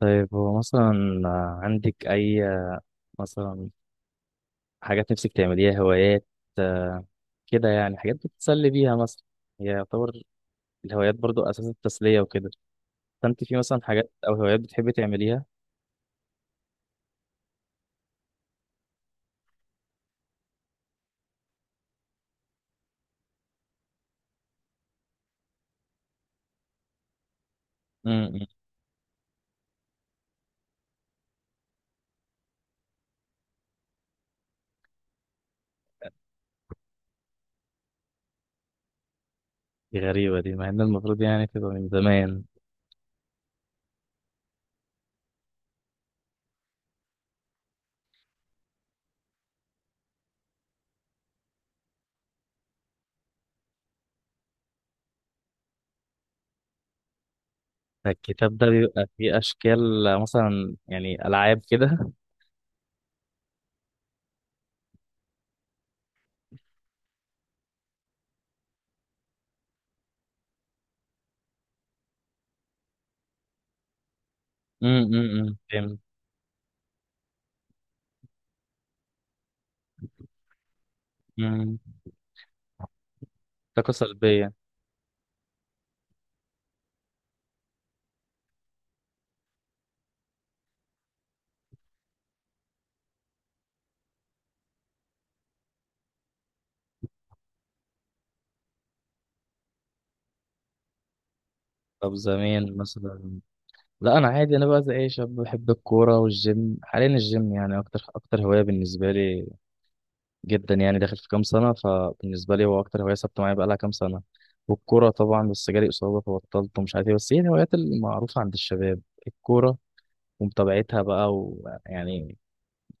طيب هو مثلا عندك أي مثلا حاجات نفسك تعمليها هوايات، آه، كده يعني حاجات بتتسلي بيها مثلا. هي يعتبر الهوايات برضو أساس التسلية وكده، فأنت في مثلا حاجات أو هوايات بتحبي تعمليها. امم دي غريبة، دي مع إن المفروض يعني تبقى من زمان. الكتاب ده بيبقى فيه أشكال، مثلا يعني ألعاب كده. امم فهمت. امم، طاقة سلبية. طب زمان مثلا، لا انا عادي، انا بقى زي اي شاب بحب الكوره والجيم. حاليا الجيم يعني اكتر هوايه بالنسبه لي جدا، يعني داخل في كام سنه، فبالنسبه لي هو اكتر هوايه ثابته معايا بقى لها كام سنه. والكوره طبعا، بس جالي اصابه فبطلت ومش عارف ايه، بس هي الهوايات المعروفه عند الشباب: الكوره ومتابعتها بقى، ويعني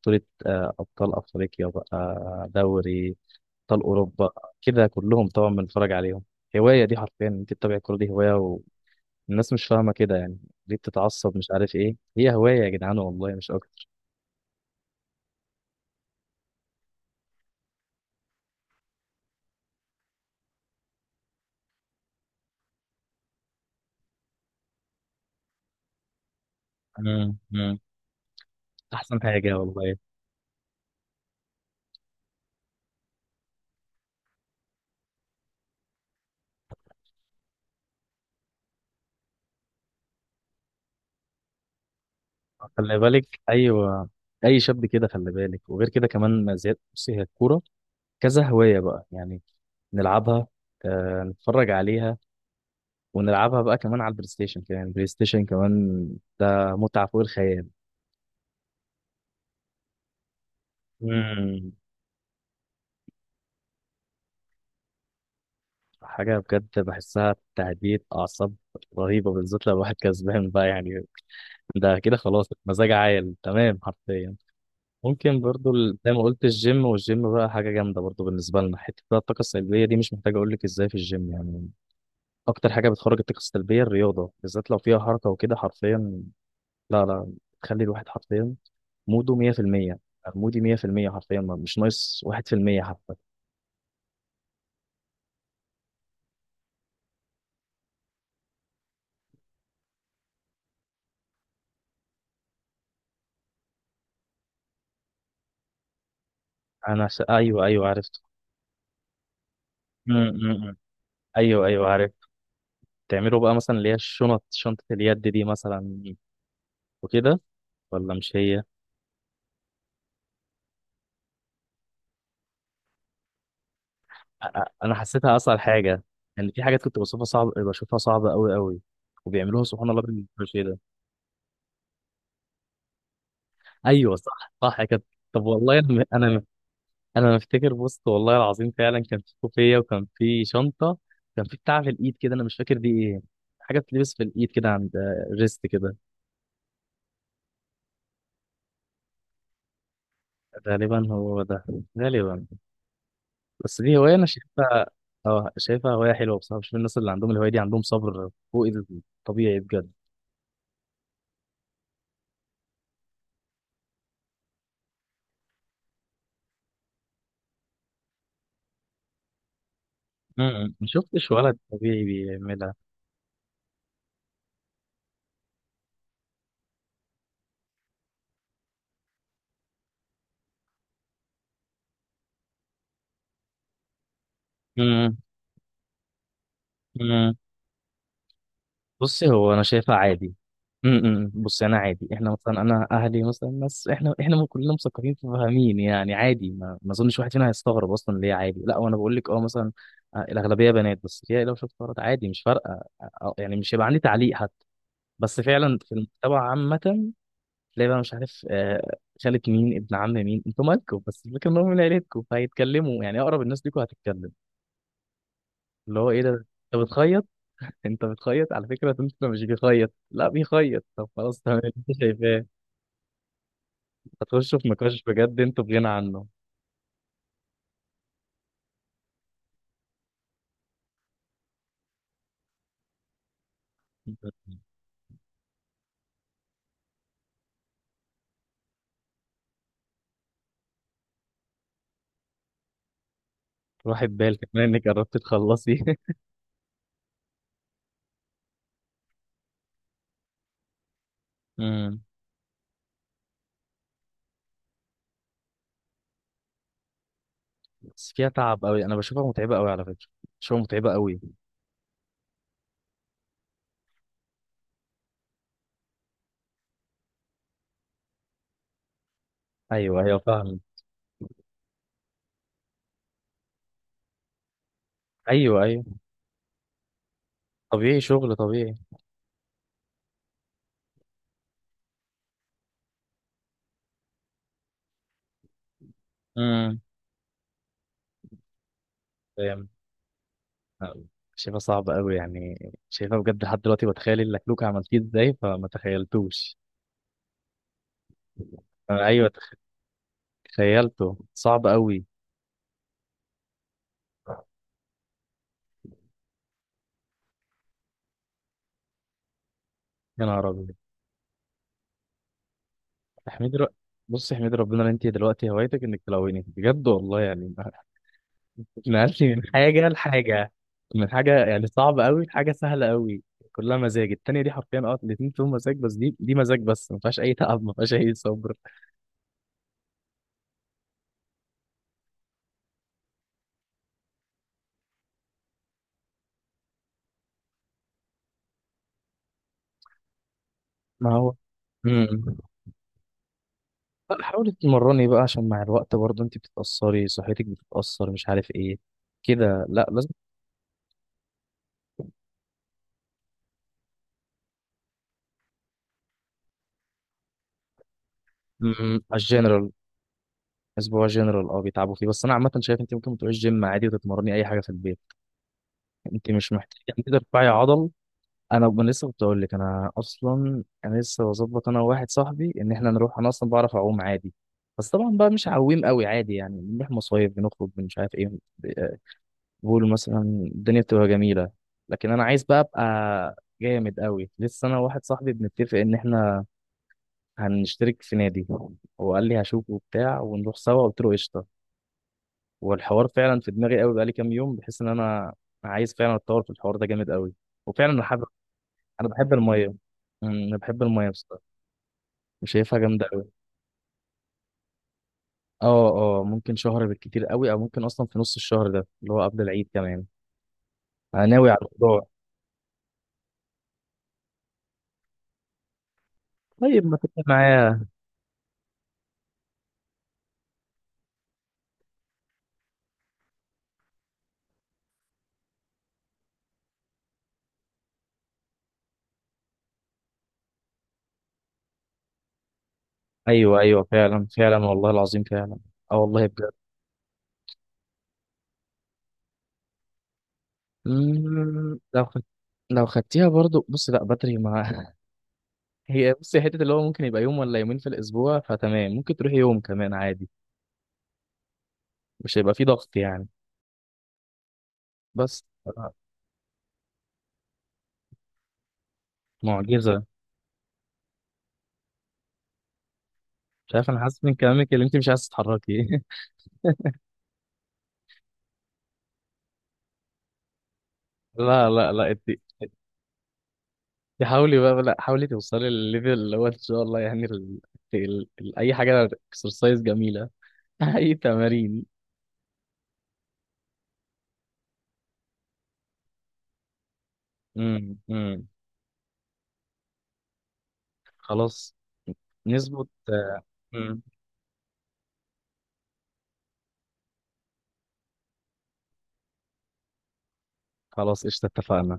بطوله، ابطال افريقيا بقى، دوري ابطال اوروبا، كده كلهم طبعا بنتفرج عليهم. هوايه دي، حرفيا انت تتابع الكوره دي هوايه. الناس مش فاهمة كده يعني، ليه بتتعصب مش عارف ايه؟ هي هواية يا جدعان والله، مش أكتر. مم. مم. أحسن حاجة والله. خلي بالك، أيوة، أي شاب كده خلي بالك. وغير كده كمان ما زياد، بصي هي الكورة كذا هواية بقى يعني. نلعبها، نتفرج عليها، ونلعبها بقى كمان على البلاي ستيشن. كمان البلاي ستيشن كمان ده متعة فوق الخيال. مم. حاجة بجد بحسها تهديد أعصاب رهيبة، بالذات لو واحد كسبان بقى يعني. ده كده خلاص مزاج عال تمام حرفيا. ممكن برضو زي ما قلت، الجيم. والجيم بقى حاجة جامدة برضو بالنسبة لنا. حتة بقى الطاقة السلبية دي مش محتاج أقول لك إزاي في الجيم يعني. أكتر حاجة بتخرج الطاقة السلبية الرياضة، بالذات لو فيها حركة وكده حرفيا. لا تخلي الواحد حرفيا موده 100%، مودي 100% حرفيا، ما- مش ناقص 1% حتى. أيوه أيوه عرفت. م- م- م. أيوه أيوه عرفت. تعملوا بقى مثلا اللي هي الشنط، شنطة اليد دي مثلا وكده، ولا مش هي؟ انا حسيتها اصعب حاجه يعني. في حاجات كنت بشوفها صعب، بشوفها صعبه قوي، وبيعملوها سبحان الله بالكروشيه ده. ايوه صح صح يا كابتن. طب والله انا انا مفتكر بوست والله العظيم، فعلا كان في كوفيه وكان في شنطه، كان في بتاع في الايد كده انا مش فاكر دي ايه، حاجه بتلبس في الايد كده عند ريست كده. غالبا هو ده، غالبا. بس دي هوايه انا شايفها، اه شايفها هوايه حلوه بصراحه. بشوف الناس اللي عندهم الهوايه دي عندهم صبر فوق الطبيعي بجد. م- م. ما شفتش ولد طبيعي بيعملها. امم امم، بصي هو انا شايفها عادي. بصي انا عادي. احنا مثلا انا اهلي مثلا ناس، احنا كلنا مثقفين فاهمين يعني عادي، ما اظنش واحد فينا هيستغرب اصلا ليه. عادي، لا، وانا بقول لك اه مثلا الاغلبيه بنات، بس هي لو شفت ولد عادي مش فارقه. يعني مش هيبقى عندي تعليق حتى. بس فعلا في المجتمع عامه تلاقي بقى مش عارف خالة مين، ابن عم مين، انتوا مالكم؟ بس الفكره ان هم من عيلتكم فهيتكلموا. يعني اقرب الناس ليكوا هتتكلم اللي هو ايه ده، انت بتخيط؟ انت بتخيط على فكره، انت مش بيخيط، لا بيخيط، طب خلاص تمام انت شايفاه. هتخشوا في نقاش بجد انتوا بغنى عنه. روحي ببال كمان انك قربتي تخلصي امم. بس فيها تعب قوي، انا بشوفها متعبه قوي على فكره، بشوفها متعبه قوي. ايوه ايوه فاهم. ايوه ايوه، طبيعي، شغل طبيعي. امم، فاهم. لا، شايفها صعبه قوي يعني. شايفها بجد، لحد دلوقتي بتخيل اللكلوك عملتيه ازاي فما تخيلتوش. ايوه، تخيلته صعب قوي. يا نهار ابيض. احمدي رب... بص احمدي ربنا ان انت دلوقتي هوايتك انك تلوني، بجد والله يعني. نقلتي من حاجه لحاجه، من حاجه يعني صعبه قوي لحاجه سهله قوي. كلها مزاج، التانية دي حرفيا اه، الاتنين فيهم مزاج، بس دي مزاج بس ما فيهاش اي تعب، ما فيهاش اي صبر. ما هو، امم، لا، حاولي تمرني بقى عشان مع الوقت برضه انت بتتأثري، صحتك بتتأثر مش عارف ايه كده، لا لازم. امم، الجنرال، اسبوع جنرال اه بيتعبوا فيه. بس انا عامه شايف انت ممكن تروحي الجيم عادي وتتمرني اي حاجه في البيت، انت مش محتاجه ان انت ترفعي عضل. انا لسه كنت اقول لك انا اصلا، انا لسه بظبط انا وواحد صاحبي ان احنا نروح. انا اصلا بعرف اعوم عادي، بس طبعا بقى مش عويم قوي عادي، يعني بنروح مصايف بنخرج مش عارف ايه. ب- بقول مثلا الدنيا بتبقى جميله، لكن انا عايز بقى ابقى جامد قوي. لسه انا وواحد صاحبي بنتفق ان احنا هنشترك في نادي، هو قال لي هشوفه وبتاع ونروح سوا، قلت له قشطه. والحوار فعلا في دماغي قوي بقالي كام يوم، بحيث ان انا عايز فعلا اتطور في الحوار ده جامد قوي. وفعلا انا حابب. انا بحب الميه، مم، انا بحب الميه بصراحه، شايفها جامده قوي. اه. اه ممكن شهر بالكتير قوي، او ممكن اصلا في نص الشهر ده اللي هو قبل العيد كمان، انا ناوي على الموضوع. طيب ما تتفق معايا. ايوه ايوه فعلا فعلا والله العظيم فعلا. اه والله بجد. مم، لو خدت، لو خدتيها برضو بص، لا بدري ما هي بصي حته اللي هو ممكن يبقى يوم ولا يومين في الاسبوع فتمام، ممكن تروحي يوم كمان عادي، مش هيبقى فيه ضغط يعني. بس معجزه. مش عارف، انا حاسس من كلامك اللي انت مش عايز تتحركي. لا انت، انت حاولي بقى، لا حاولي توصلي للليفل اللي هو ان شاء الله يعني اي حاجه اكسرسايز جميله اي تمارين. امم. خلاص، نظبط. امم، خلاص قشطه اتفقنا.